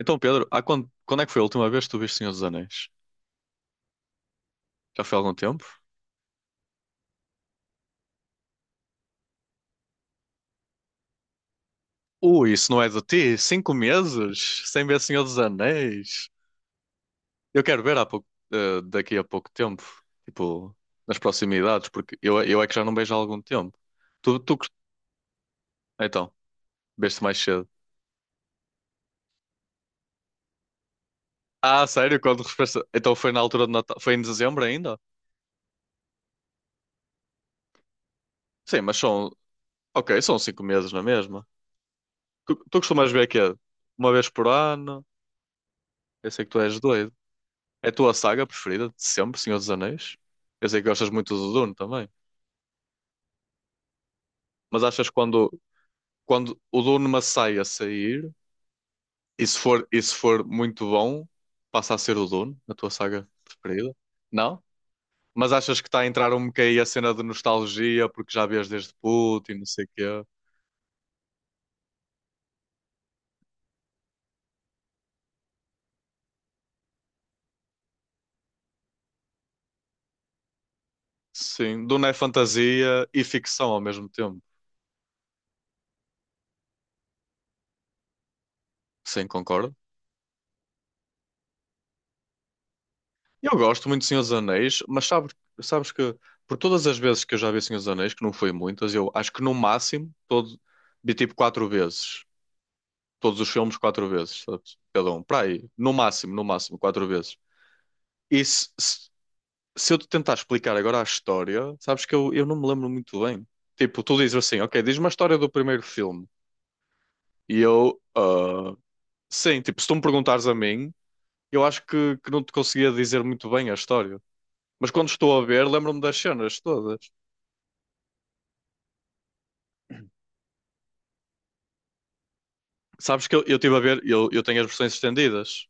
Então, Pedro, quando é que foi a última vez que tu viste Senhor dos Anéis? Já foi há algum tempo? Ui, isso não é de ti? 5 meses sem ver Senhor dos Anéis? Eu quero ver há pouco, daqui a pouco tempo, tipo, nas proximidades, porque eu é que já não vejo há algum tempo. Tu, tu, cust- então, veste mais cedo. Ah, sério? Então foi na altura de Natal? Foi em dezembro ainda? Sim, mas ok, são 5 meses na mesma. Tu costumas ver que é uma vez por ano? Eu sei que tu és doido. É a tua saga preferida de sempre, Senhor dos Anéis? Eu sei que gostas muito do Dune também, mas achas que quando o Dune Messiah a sair, e se for muito bom, passa a ser o Dune, a tua saga preferida? Não? Mas achas que está a entrar um bocadinho a cena de nostalgia, porque já vês desde puto e não sei o quê? Sim, Dune é fantasia e ficção ao mesmo tempo. Sim, concordo. Eu gosto muito de Senhor dos Anéis, mas sabes que por todas as vezes que eu já vi Senhor dos Anéis, que não foi muitas, eu acho que no máximo todo, vi tipo quatro vezes. Todos os filmes quatro vezes, sabes? Cada um. Para aí, no máximo, no máximo, quatro vezes. E se eu te tentar explicar agora a história, sabes que eu não me lembro muito bem. Tipo, tu dizes assim, ok, diz-me a história do primeiro filme. E eu, sim, tipo, se tu me perguntares a mim, eu acho que não te conseguia dizer muito bem a história. Mas quando estou a ver, lembro-me das cenas todas. Sabes que eu estive a ver, eu tenho as versões estendidas.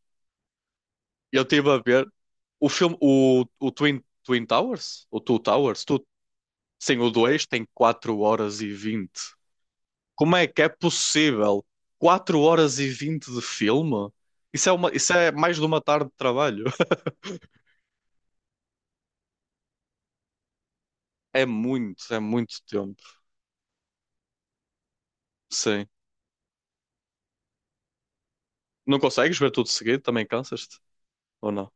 Eu estive a ver o filme, o Twin Towers, o Two Towers, sim, o 2 tem 4h20. Como é que é possível 4h20 de filme? Isso é mais de uma tarde de trabalho. É muito tempo. Sim. Não consegues ver tudo seguido? Também cansas-te? Ou não?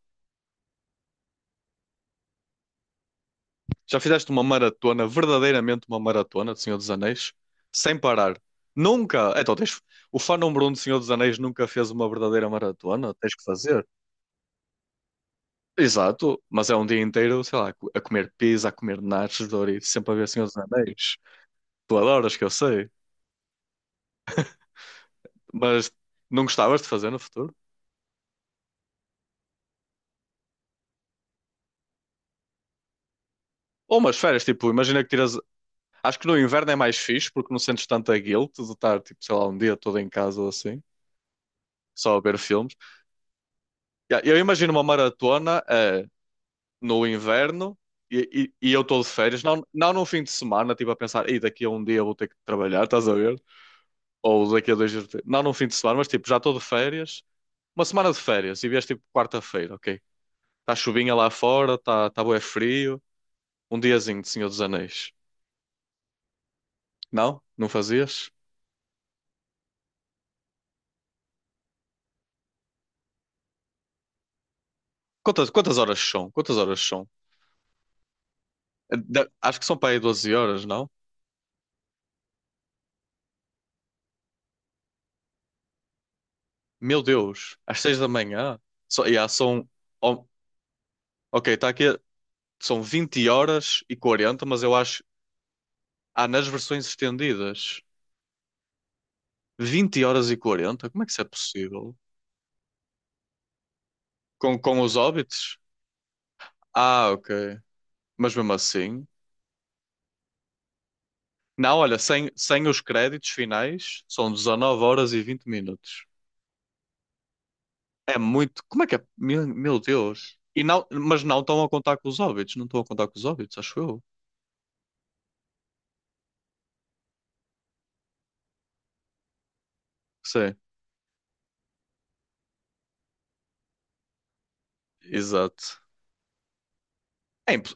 Já fizeste uma maratona, verdadeiramente uma maratona de Senhor dos Anéis, sem parar. Nunca. Então, o fã número um de Senhor dos Anéis nunca fez uma verdadeira maratona. Tens que fazer. Exato, mas é um dia inteiro, sei lá, a comer pizza, a comer nachos, Doritos, sempre a ver Senhor dos Anéis. Tu adoras, que eu sei, mas não gostavas de fazer no futuro? Ou umas férias, tipo, imagina que tiras. Acho que no inverno é mais fixe porque não sentes tanta guilt de estar, tipo, sei lá, um dia todo em casa ou assim, só a ver filmes. Ya, eu imagino uma maratona. No inverno e, e eu estou de férias, não, não num fim de semana, tipo a pensar, e daqui a um dia vou ter que trabalhar, estás a ver? Ou daqui a 2 dias, não num fim de semana, mas tipo, já estou de férias, uma semana de férias e vieste tipo quarta-feira, ok? Está chuvinha lá fora, está tá bué frio, um diazinho de Senhor dos Anéis. Não? Não fazias? Quantas horas são? Quantas horas são? Acho que são para aí 12 horas, não? Meu Deus, às 6h da manhã? Só, yeah, são. Oh, ok, está aqui. São 20h40, mas eu acho. Há nas versões estendidas 20h40. Como é que isso é possível? Com os Hobbits? Ah, ok. Mas mesmo assim. Não, olha, sem os créditos finais, são 19 horas e 20 minutos. É muito. Como é que é? Meu Deus. E não, mas não estão a contar com os Hobbits, não estão a contar com os Hobbits, acho eu. Sim, exato. É impo-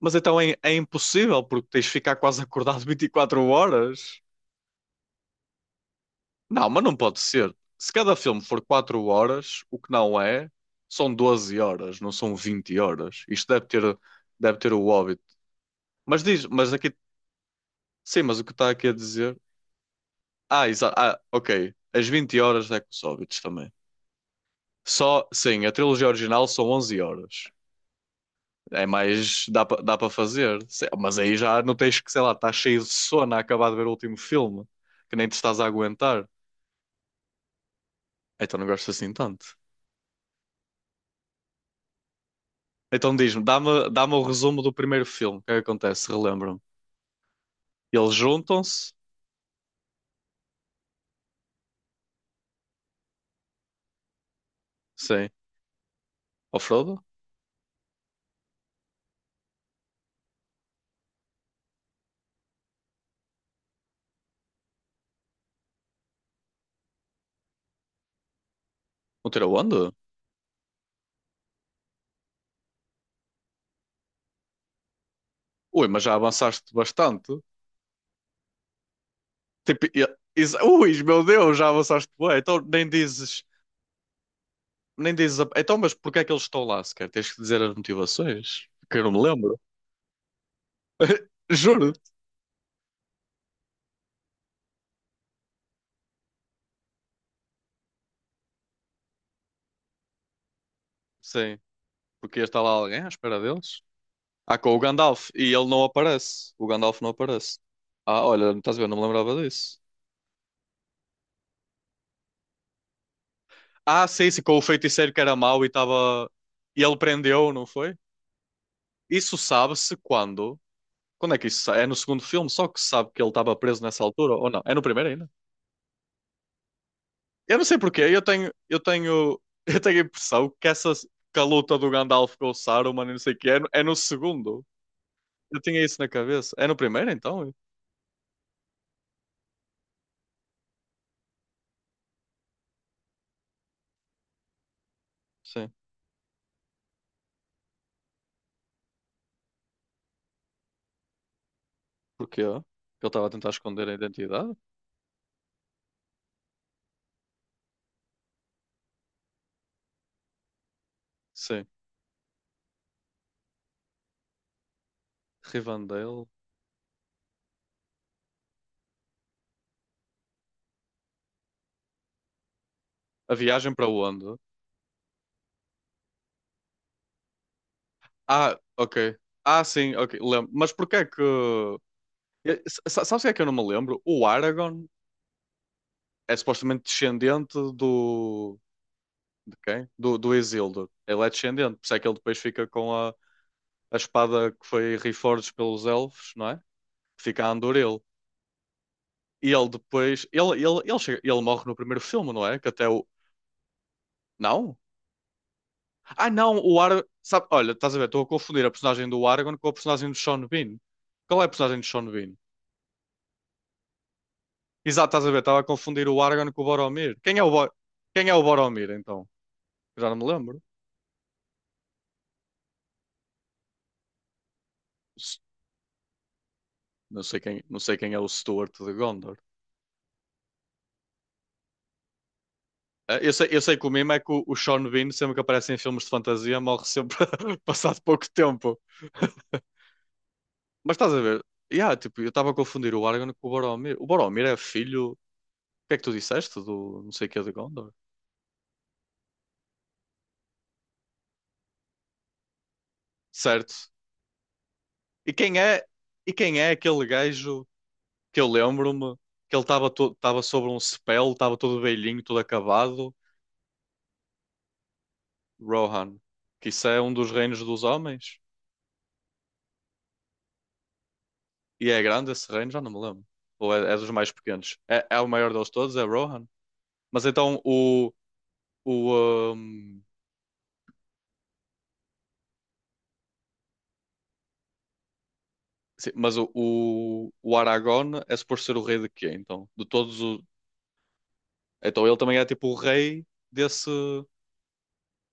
mas então é impossível, porque tens de ficar quase acordado 24 horas. Não, mas não pode ser. Se cada filme for 4 horas, o que não é, são 12 horas, não são 20 horas. Isto deve ter, o óbito. Mas diz, mas aqui, sim, mas o que está aqui a dizer? Ah, exato. Ah, ok. As 20 horas é com os óbitos também. Só, sim, a trilogia original são 11 horas. É mais, dá para fazer. Mas aí já não tens que, sei lá, estás cheio de sono a acabar de ver o último filme, que nem te estás a aguentar. Então não gosto assim tanto. Então diz-me, dá-me o resumo do primeiro filme. O que é que acontece? Relembro-me. Eles juntam-se. Sim. Ao Frodo? Não tira onde? Ui, mas já avançaste bastante. Tipo, ui, meu Deus, já avançaste bem. Então nem dizes. Nem dizes. Então, mas porque é que eles estão lá sequer? Tens que dizer as motivações. Que eu não me lembro. Juro. Sim. Porque está lá alguém à espera deles. Ah, com o Gandalf. E ele não aparece. O Gandalf não aparece. Ah, olha, estás a ver? Não me lembrava disso. Ah, sim, se com o feiticeiro que era mau e estava. E ele prendeu, não foi? Isso sabe-se quando. Quando é que isso? É no segundo filme, só que se sabe que ele estava preso nessa altura ou não? É no primeiro ainda? Eu não sei porquê, eu tenho a impressão que essa que a luta do Gandalf com o Saruman e não sei o que é, é no segundo. Eu tinha isso na cabeça. É no primeiro então? Sim. Porquê? Que ele estava a tentar esconder a identidade? Sim. Rivendell. A viagem para onde? Ah, ok. Ah, sim, ok. Lembro. Mas porquê é que Eu- s- Sabes o que é que eu não me lembro? O Aragorn é supostamente descendente do. De quem? Do Isildur. Ele é descendente, por isso é que ele depois fica com a espada que foi reforged pelos elfos, não é? Fica a Andoril. E ele depois. Ele morre no primeiro filme, não é? Que até o. Não? Ah, não! O Aragorn. Sabe, olha, estás a ver? Estou a confundir a personagem do Aragorn com a personagem do Sean Bean. Qual é a personagem do Sean Bean? Exato, estás a ver? Estava a confundir o Aragorn com o Boromir. Quem é o, Bo... Quem é o Boromir, então? Já não me lembro. Não sei quem é o Stuart de Gondor. Ah, eu sei, que o mimo é que o Sean Bean, sempre que aparece em filmes de fantasia, morre sempre passado pouco tempo. Mas estás a ver? Yeah, tipo, eu estava a confundir o Aragorn com o Boromir. O Boromir é filho. O que é que tu disseste do não sei o que de Gondor? Certo. E quem é, e quem é aquele gajo que eu lembro-me que ele estava sobre um spell, estava todo velhinho, todo acabado? Rohan. Que isso é um dos reinos dos homens? E é grande esse reino? Já não me lembro. Ou é dos mais pequenos? É o maior deles todos? É Rohan? Mas então o. o sim, mas o Aragorn é suposto ser o rei de quê, então? De todos os. Então ele também é tipo o rei desse.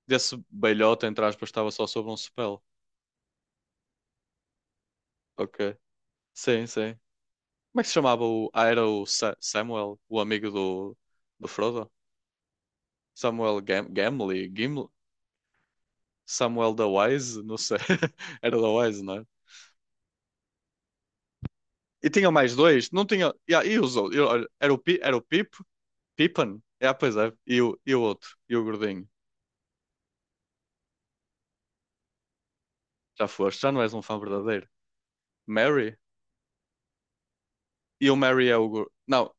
Desse belhota, entre aspas, estava só sobre um spell. Ok. Sim, sim. Como é que se chamava o. Ah, era o Samuel, o amigo do Frodo? Samuel Gamley? Gimli? Samuel da Wise? Não sei. Era da Wise, não é? E tinha mais dois? Não tinha. E os outros? Olha, era o Pipo? Pippen é, pois é. E o outro? E o gordinho? Já foste? Já não és um fã verdadeiro. Mary? E o Mary é o. Não,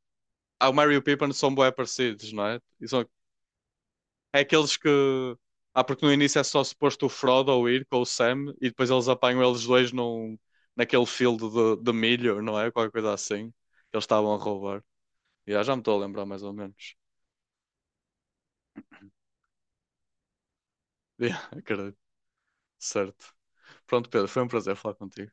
o Mary e o Pippen são bué parecidos, não é? E são... É aqueles que. Ah, porque no início é só suposto o Frodo ou ir com o Sam e depois eles apanham eles dois num... naquele field de milho, não é? Qualquer coisa assim. Que eles estavam a roubar. Yeah, já me estou a lembrar mais ou menos. Yeah, acredito. Certo. Pronto, Pedro, foi um prazer falar contigo.